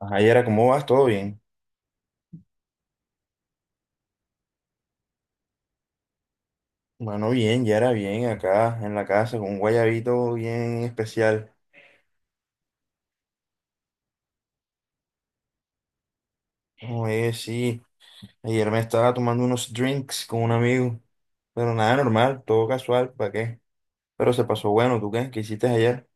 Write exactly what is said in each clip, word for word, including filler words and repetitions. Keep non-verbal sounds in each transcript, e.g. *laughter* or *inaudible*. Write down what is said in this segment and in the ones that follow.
Ajá, Yara, ¿cómo vas? ¿Todo bien? Bueno, bien, Yara, bien, acá en la casa, con un guayabito bien especial. Oye, sí, ayer me estaba tomando unos drinks con un amigo, pero nada normal, todo casual, ¿para qué? Pero se pasó bueno, ¿tú qué? ¿Qué hiciste ayer?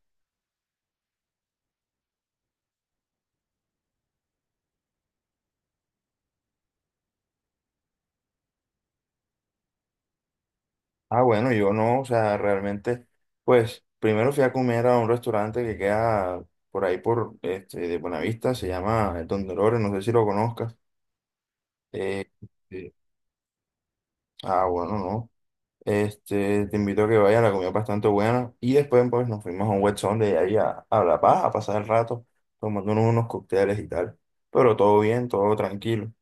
Ah, bueno, yo no, o sea, realmente, pues, primero fui a comer a un restaurante que queda por ahí, por, este, de Buenavista, se llama El Don Dolores, no sé si lo conozcas. Eh, eh, ah, bueno, no. Este, te invito a que vayas, la comida es bastante buena. Y después pues, nos fuimos a un wet de ahí a, a La Paz a pasar el rato, tomándonos unos cócteles y tal. Pero todo bien, todo tranquilo.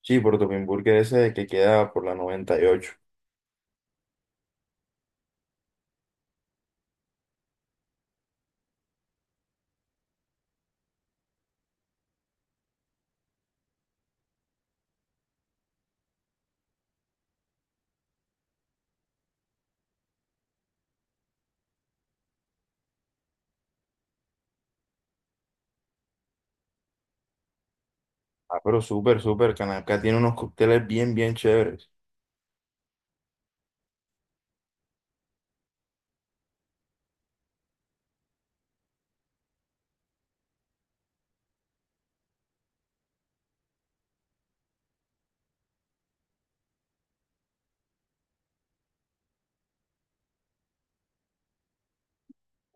Sí, por Topinburg Burger ese que queda por la noventa y ocho. Ah, pero súper, súper, Canacá tiene unos cócteles bien, bien chéveres.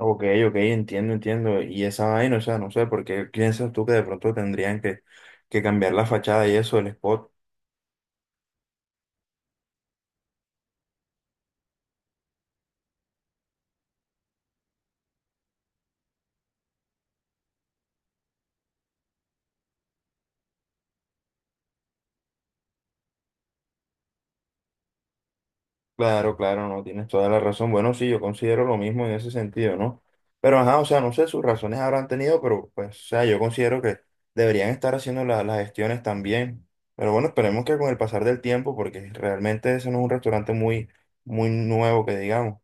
Ok, ok, entiendo, entiendo. Y esa vaina, o sea, no sé, porque piensas tú que de pronto tendrían que, que cambiar la fachada y eso, el spot. Claro, claro, no, tienes toda la razón. Bueno, sí, yo considero lo mismo en ese sentido, ¿no? Pero, ajá, o sea, no sé, sus razones habrán tenido, pero, pues, o sea, yo considero que deberían estar haciendo la- las gestiones también. Pero bueno, esperemos que con el pasar del tiempo, porque realmente ese no es un restaurante muy, muy nuevo, que digamos.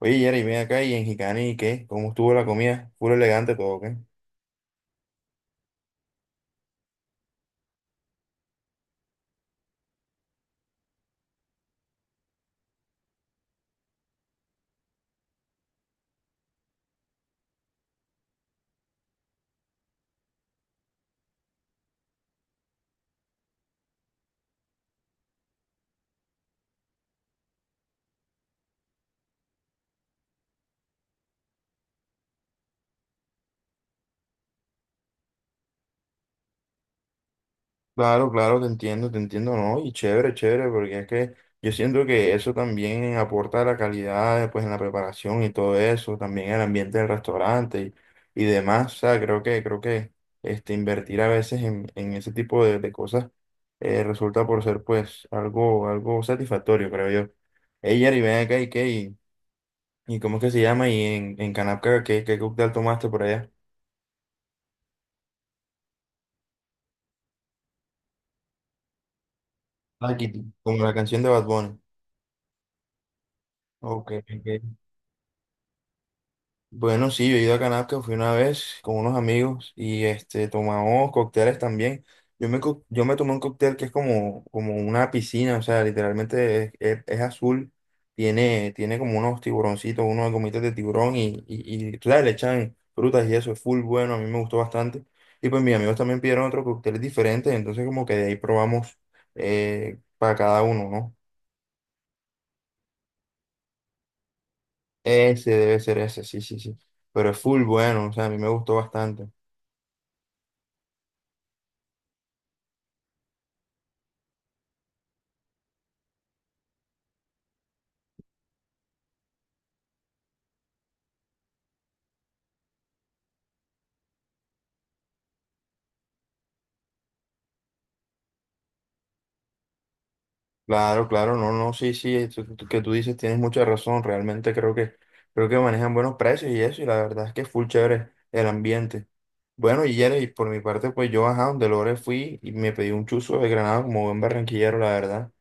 Oye, Jerry, ven acá y en Jicani, ¿qué? ¿Cómo estuvo la comida? ¿Puro elegante todo, qué? Claro, claro, te entiendo, te entiendo, ¿no? Y chévere, chévere, porque es que yo siento que eso también aporta a la calidad, pues, en la preparación y todo eso, también el ambiente del restaurante y, y demás, o sea, creo que, creo que, este, invertir a veces en, en ese tipo de, de cosas eh, resulta por ser, pues, algo, algo satisfactorio, creo yo. Ella, y ven acá, ¿y qué? ¿Y, y cómo es que se llama? ¿Y en, en Canapca qué, qué cóctel tomaste por allá? Ah, Kitty. Como la canción de Bad Bunny. Ok, ok. Bueno, sí, yo he ido a Canasco, fui una vez con unos amigos y este tomamos cócteles también. Yo me, co- yo me tomé un cóctel que es como, como una piscina, o sea, literalmente es, es- es azul, tiene, tiene como unos tiburoncitos, unos gomitas de tiburón y, y, y, tú sabes, le echan frutas y eso, es full bueno, a mí me gustó bastante. Y pues mis amigos también pidieron otro cóctel diferente, entonces como que de ahí probamos eh, para cada uno, ¿no? Ese debe ser ese, sí, sí, sí. Pero es full bueno, o sea, a mí me gustó bastante. Claro, claro, no, no, sí, sí, eso que tú que tú dices tienes mucha razón, realmente creo que creo que manejan buenos precios y eso, y la verdad es que es full chévere el ambiente. Bueno, y Yere, y por mi parte, pues yo, ajá, donde Lore fui y me pedí un chuzo de granada como buen barranquillero, la verdad.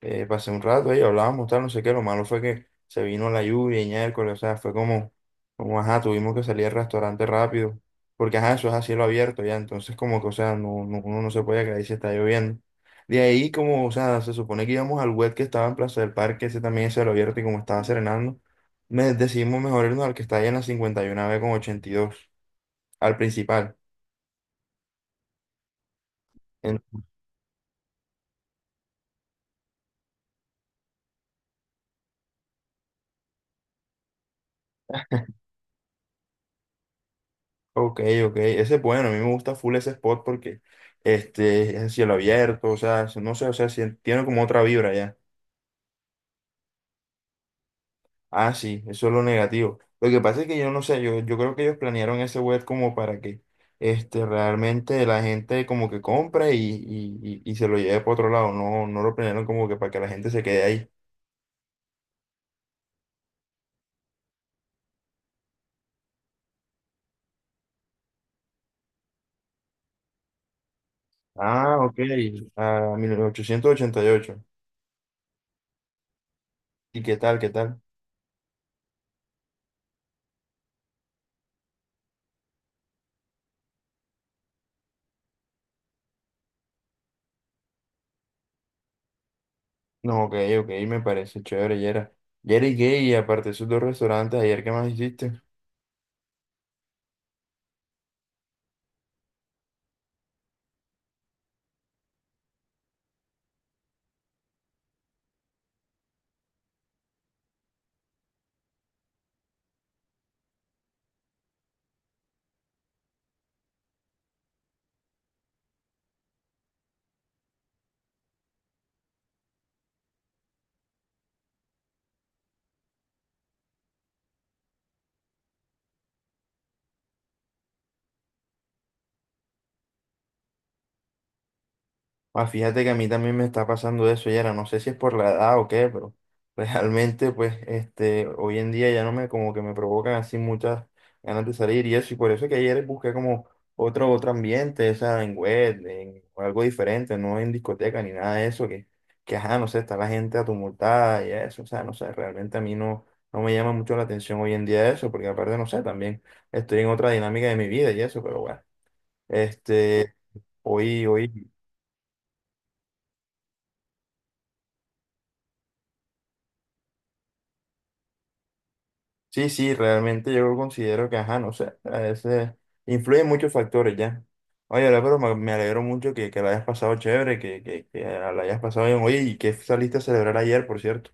Eh, pasé un rato ahí, hablábamos, tal, no sé qué, lo malo fue que se vino la lluvia y miércoles, o sea, fue como, como, ajá, tuvimos que salir al restaurante rápido, porque, ajá, eso es a cielo abierto ya, entonces como que, o sea, no, no- uno no se puede quedar ahí si está lloviendo. De ahí, como, o sea, se supone que íbamos al web que estaba en Plaza del Parque, ese también se lo abierto y como estaba serenando, me decidimos mejor irnos al que está ahí en la cincuenta y uno B con ochenta y dos al principal. En- ok, ok, ese es bueno, a mí me gusta full ese spot porque este, es el cielo abierto, o sea, no sé, o sea, si- tiene como otra vibra ya. Ah, sí, eso es lo negativo. Lo que pasa es que yo no sé, yo, yo creo que ellos planearon ese web como para que este, realmente la gente como que compre y, y- y- y se lo lleve para otro lado. No, no lo planearon como que para que la gente se quede ahí. Ah, ok. A mil ochocientos ochenta y ocho. ¿Y ocho? ¿Y qué tal, qué tal? No, ok, ok, me parece chévere, Yera. Yera y Gay, y aparte de esos dos restaurantes, ayer, ¿qué más hiciste? Ah, fíjate que a mí también me está pasando eso, Yera. No sé si es por la edad o qué, pero *laughs* realmente, pues, este, hoy en día ya no me, como que me provocan así muchas ganas de salir y eso. Y por eso que ayer busqué como otro, otro ambiente, o sea, en web, en algo diferente, no en discoteca ni nada de eso, que, que ajá, no sé, está la gente atumultada y eso. O sea, no sé, realmente a mí no, no me llama mucho la atención hoy en día eso, porque aparte, no sé, también estoy en otra dinámica de mi vida y eso, pero bueno, este. Hoy, hoy, sí, sí, realmente yo considero que, ajá, no sé, a veces influyen muchos factores ya. Oye, la pero me, me alegro mucho que, que la hayas pasado chévere, que, que, que la hayas pasado bien. Oye, ¿y qué saliste a celebrar ayer, por cierto?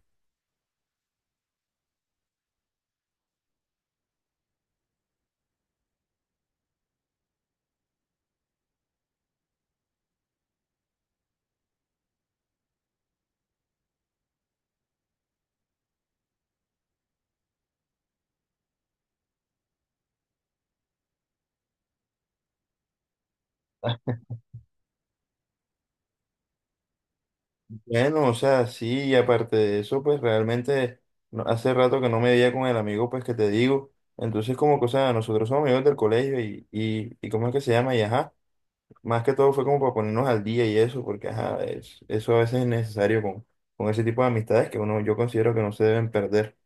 Bueno, o sea, sí, y aparte de eso, pues realmente no- hace rato que no me veía con el amigo, pues que te digo. Entonces, como que, o sea, nosotros somos amigos del colegio y, y, y ¿cómo es que se llama? Y ajá. Más que todo fue como para ponernos al día y eso, porque ajá, es- eso a veces es necesario con, con ese tipo de amistades que uno, yo considero que no se deben perder.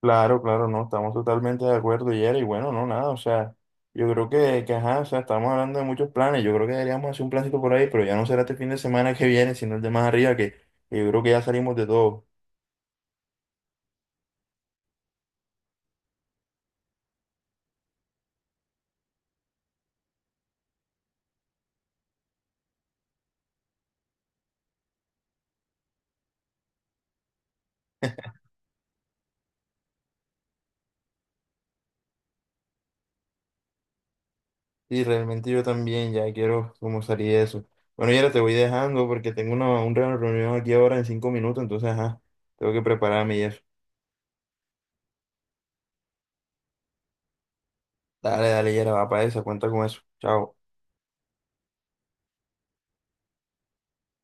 Claro, claro, no, estamos totalmente de acuerdo, Yera, y bueno, no, nada, o sea, yo creo que, que ajá, o sea, estamos hablando de muchos planes, yo creo que deberíamos hacer un plancito por ahí, pero ya no será este fin de semana que viene, sino el de más arriba, que, que yo creo que ya salimos de todo. Y realmente yo también ya quiero como salir de eso. Bueno, Yera, te voy dejando porque tengo una, una reunión aquí ahora en cinco minutos, entonces, ajá, tengo que prepararme y eso. Dale, dale, Yera, va para esa, cuenta con eso. Chao.